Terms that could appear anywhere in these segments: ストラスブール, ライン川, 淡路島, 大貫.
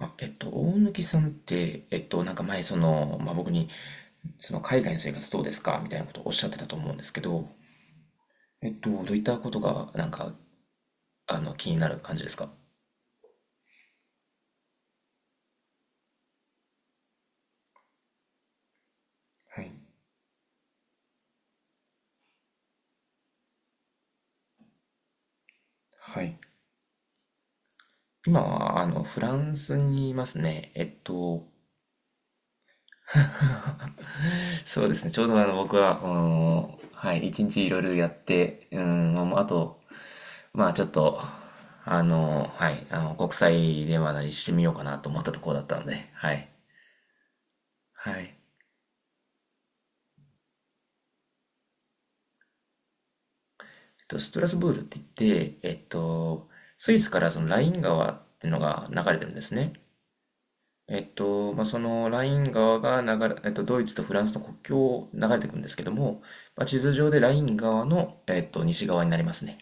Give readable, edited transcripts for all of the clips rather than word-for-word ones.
あ、大貫さんって、なんか前、その、まあ、僕に、その、海外の生活どうですかみたいなことをおっしゃってたと思うんですけど、どういったことが、なんか、あの、気になる感じですか？はい。はい。今は、あの、フランスにいますね。そうですね、ちょうどあの、僕は、うん、はい、1日いろいろやって、うん、まああと、まあ、ちょっと、あの、はい、あの、国際電話なりしてみようかなと思ったところだったので、はい。はい。と、ストラスブールって言って、スイスからそのライン川っていうのが流れてるんですね。まあ、そのライン川が流れ、ドイツとフランスの国境を流れていくんですけども、まあ、地図上でライン川の、西側になりますね。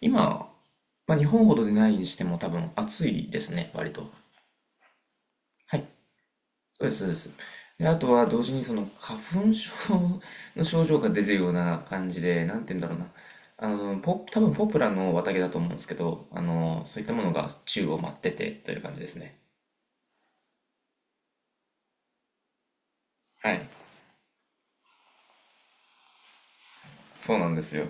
今、まあ、日本ほどでないにしても多分暑いですね、割と。はい。そうです、そうです。で、あとは同時にその花粉症の症状が出るような感じで、なんて言うんだろうな。あの、多分ポプラの綿毛だと思うんですけど、あの、そういったものが宙を舞っててという感じですね。はい。そうなんですよ。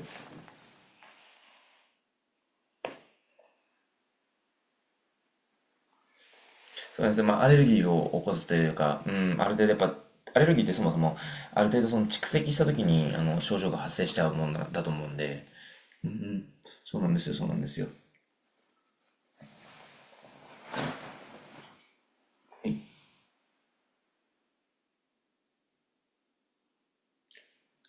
そうなんですね、まあ、アレルギーを起こすというか、うん、ある程度やっぱ、アレルギーってそもそも、ある程度その蓄積した時に、あの、症状が発生しちゃうものだと思うんで、うんうん、そうなんですよ、そうなんですよ。はい、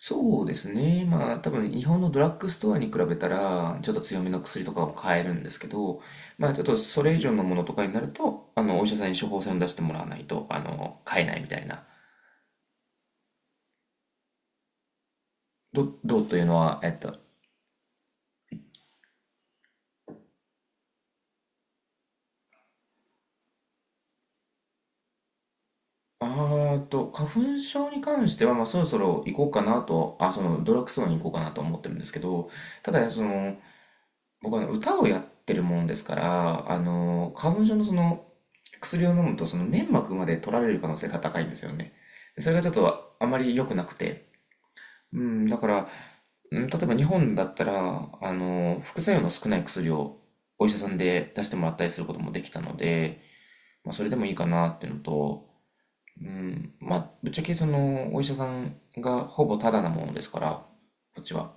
そうですね。まあ多分日本のドラッグストアに比べたらちょっと強めの薬とかも買えるんですけど、まあちょっとそれ以上のものとかになると、あのお医者さんに処方箋を出してもらわないと、あの、買えないみたいな。どうというのは、あーと、花粉症に関しては、まあそろそろ行こうかなと、あ、そのドラッグストアに行こうかなと思ってるんですけど、ただその、僕はね、歌をやってるもんですから、あの、花粉症のその、薬を飲むと、その粘膜まで取られる可能性が高いんですよね。それがちょっとあまり良くなくて。うん、だから、うん例えば日本だったら、あの、副作用の少ない薬をお医者さんで出してもらったりすることもできたので、まあ、それでもいいかなっていうのと、うん、まあ、ぶっちゃけその、お医者さんがほぼタダなものですから、こっちは。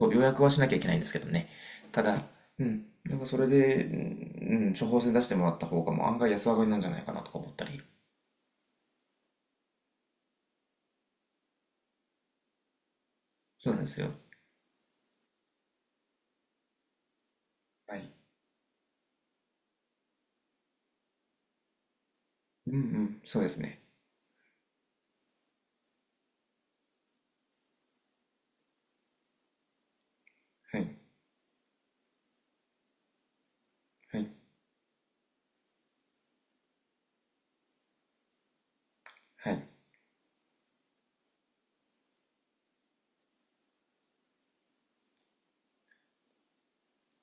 そう予約はしなきゃいけないんですけどね。ただ、うん。なんかそれで、うん、処方箋出してもらった方がもう案外安上がりなんじゃないかなとか思ったり。そうなんですよ。はい。うんうん、そうですね。はい。はい。はい。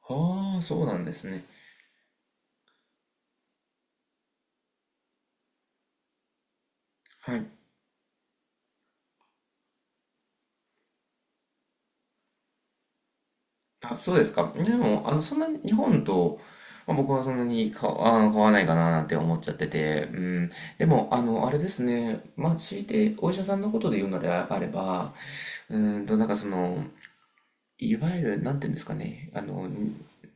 ああ、そうなんですね。はい。あ、そうですか。でも、あの、そんなに日本と、まあ、僕はそんなにか、あー、変わらないかななんて思っちゃってて、うん。でも、あの、あれですね。まあ、強いてお医者さんのことで言うのであれば、うなんかその、いわゆる、なんていうんですかね、あの、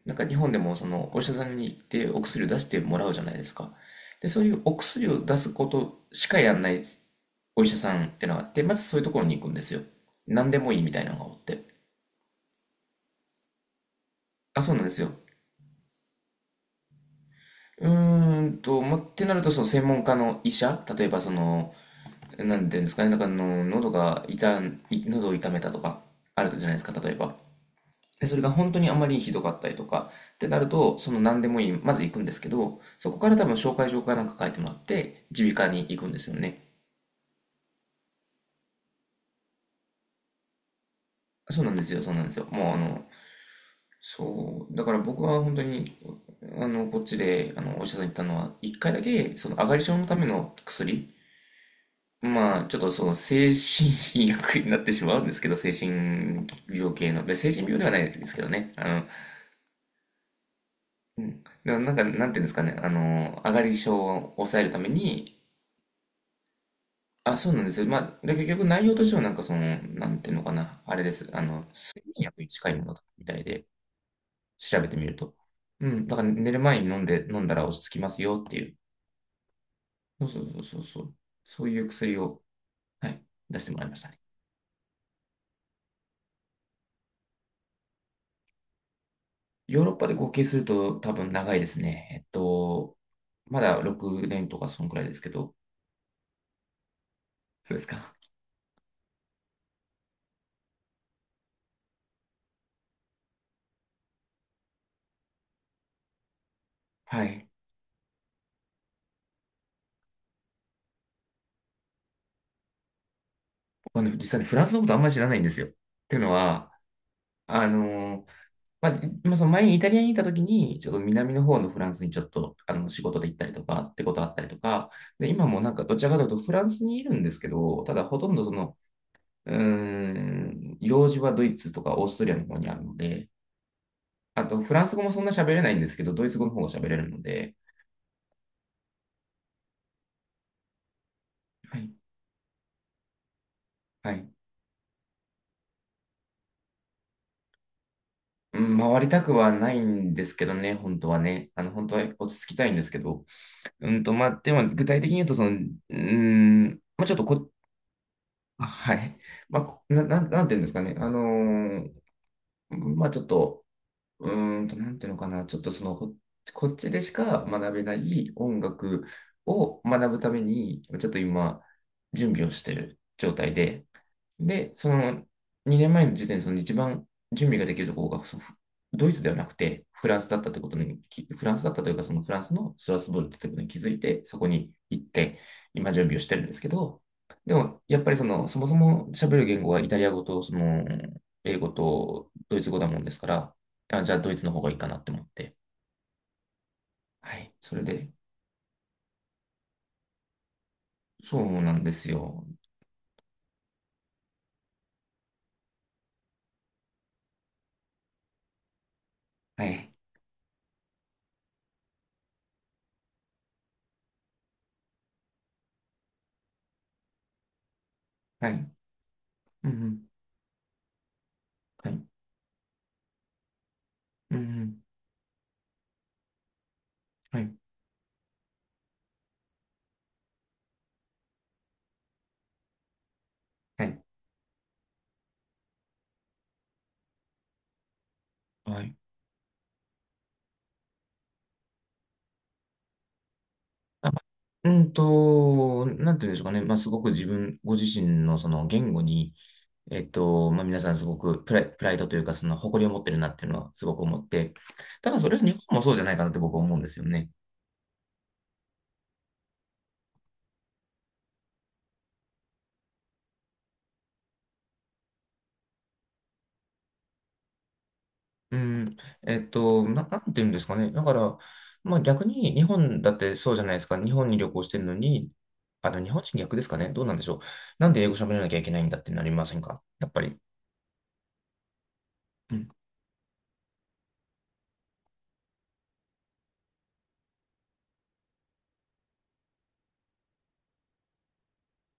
なんか日本でもそのお医者さんに行ってお薬を出してもらうじゃないですか。で、そういうお薬を出すことしかやんないお医者さんってのがあって、まずそういうところに行くんですよ。何でもいいみたいなのがおって。あ、そうなんですよ。ま、ってなると、その専門家の医者、例えばその、なんていうんですかね、なんかあの、喉が痛ん、い喉を痛めたとか、あるじゃないですか、例えば。で、それが本当にあまりひどかったりとか、ってなると、その何でもいい、まず行くんですけど、そこから多分紹介状かなんか書いてもらって、耳鼻科に行くんですよね。そうなんですよ、そうなんですよ。もうあの、そう、だから僕は本当に、あの、こっちで、あの、お医者さんに行ったのは、1回だけ、その、上がり症のための薬、まあ、ちょっとその、精神医薬になってしまうんですけど、精神病系の、で精神病ではないですけどね、あの、うん、でもなんか、なんていうんですかね、あの、上がり症を抑えるために、あ、そうなんですよ。まあ、で、結局内容としてはなんかその、なんていうのかな、あれです。あの、睡眠薬に近いものだみたいで、調べてみると。うん、だから寝る前に飲んで、飲んだら落ち着きますよっていう。そうそうそうそうそう。そういう薬を、はい、出してもらいましたね。ヨーロッパで合計すると多分長いですね。まだ6年とかそんくらいですけど。そうですか。はい。僕はね、実際にフランスのことあんまり知らないんですよ。っていうのは、あのまあ、でまあその前にイタリアにいた時に、ちょっと南の方のフランスにちょっとあの仕事で行ったりとかってことあったりとか、で、今もなんかどちらかというとフランスにいるんですけど、ただほとんどその、用事はドイツとかオーストリアの方にあるので、あとフランス語もそんな喋れないんですけど、ドイツ語の方が喋れるので、はい、はい。うん、回りたくはないんですけどね、本当はね。あの、本当は落ち着きたいんですけど。まあ、でも具体的に言うと、その、うん、まあ、ちょっとこ、あ、はい。まあ、こな、なん、なんていうんですかね。あのーまあちょっと、なんていうのかな。ちょっとその、こっちでしか学べない音楽を学ぶために、ちょっと今、準備をしている状態で、で、その2年前の時点でその一番準備ができるところがドイツではなくてフランスだったってことにフランスだったというかそのフランスのストラスブールってことに気づいて、そこに行って今準備をしてるんですけど、でもやっぱりそのそもそも喋る言語がイタリア語とその英語とドイツ語だもんですから、あ、じゃあドイツの方がいいかなって思って。はい、それで、そうなんですよ。はい、はい、うんうん、はい、うんうん、はい、はい、はい。あなんていうんでしょうかね。まあ、すごくご自身のその言語に、まあ、皆さんすごくプライドというか、その誇りを持ってるなっていうのはすごく思って、ただそれは日本もそうじゃないかなって僕は思うんですよね。うん。なんていうんですかね。だから、まあ、逆に日本だってそうじゃないですか。日本に旅行してるのに、あの、日本人逆ですかね。どうなんでしょう。なんで英語喋らなきゃいけないんだってなりませんかやっぱり？うん。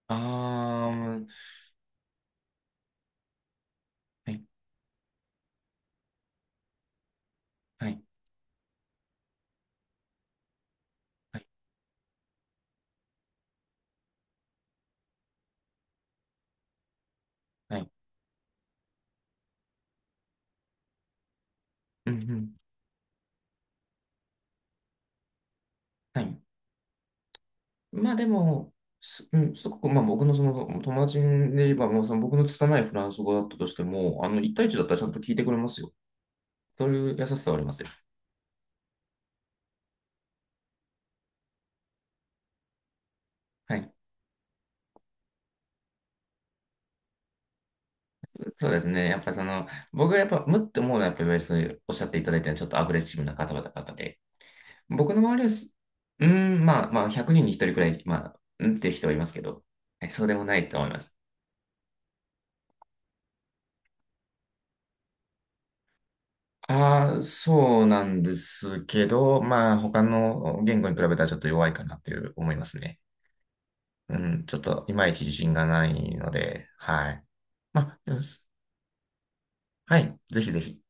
あー、はい、はい、はい、はい。うんうん、はい。まあでも、うん、すごく、まあ僕のその友達で言えば、もうその僕の拙いフランス語だったとしても、あの、1対1だったらちゃんと聞いてくれますよ。そういう優しさはありますよ。はい。そうですね。やっぱりその、僕がやっぱ、むって思うのは、やっぱりそういうおっしゃっていただいたようにちょっとアグレッシブな方々で、僕の周りはうーまあまあ、100人に1人くらい、まあ、うんっていう人はいますけど、はい、そうでもないと思います。ああ、そうなんですけど、まあ、他の言語に比べたらちょっと弱いかなっていう思いますね。うん、ちょっといまいち自信がないので、はい。まあ、よしはい。ぜひぜひ。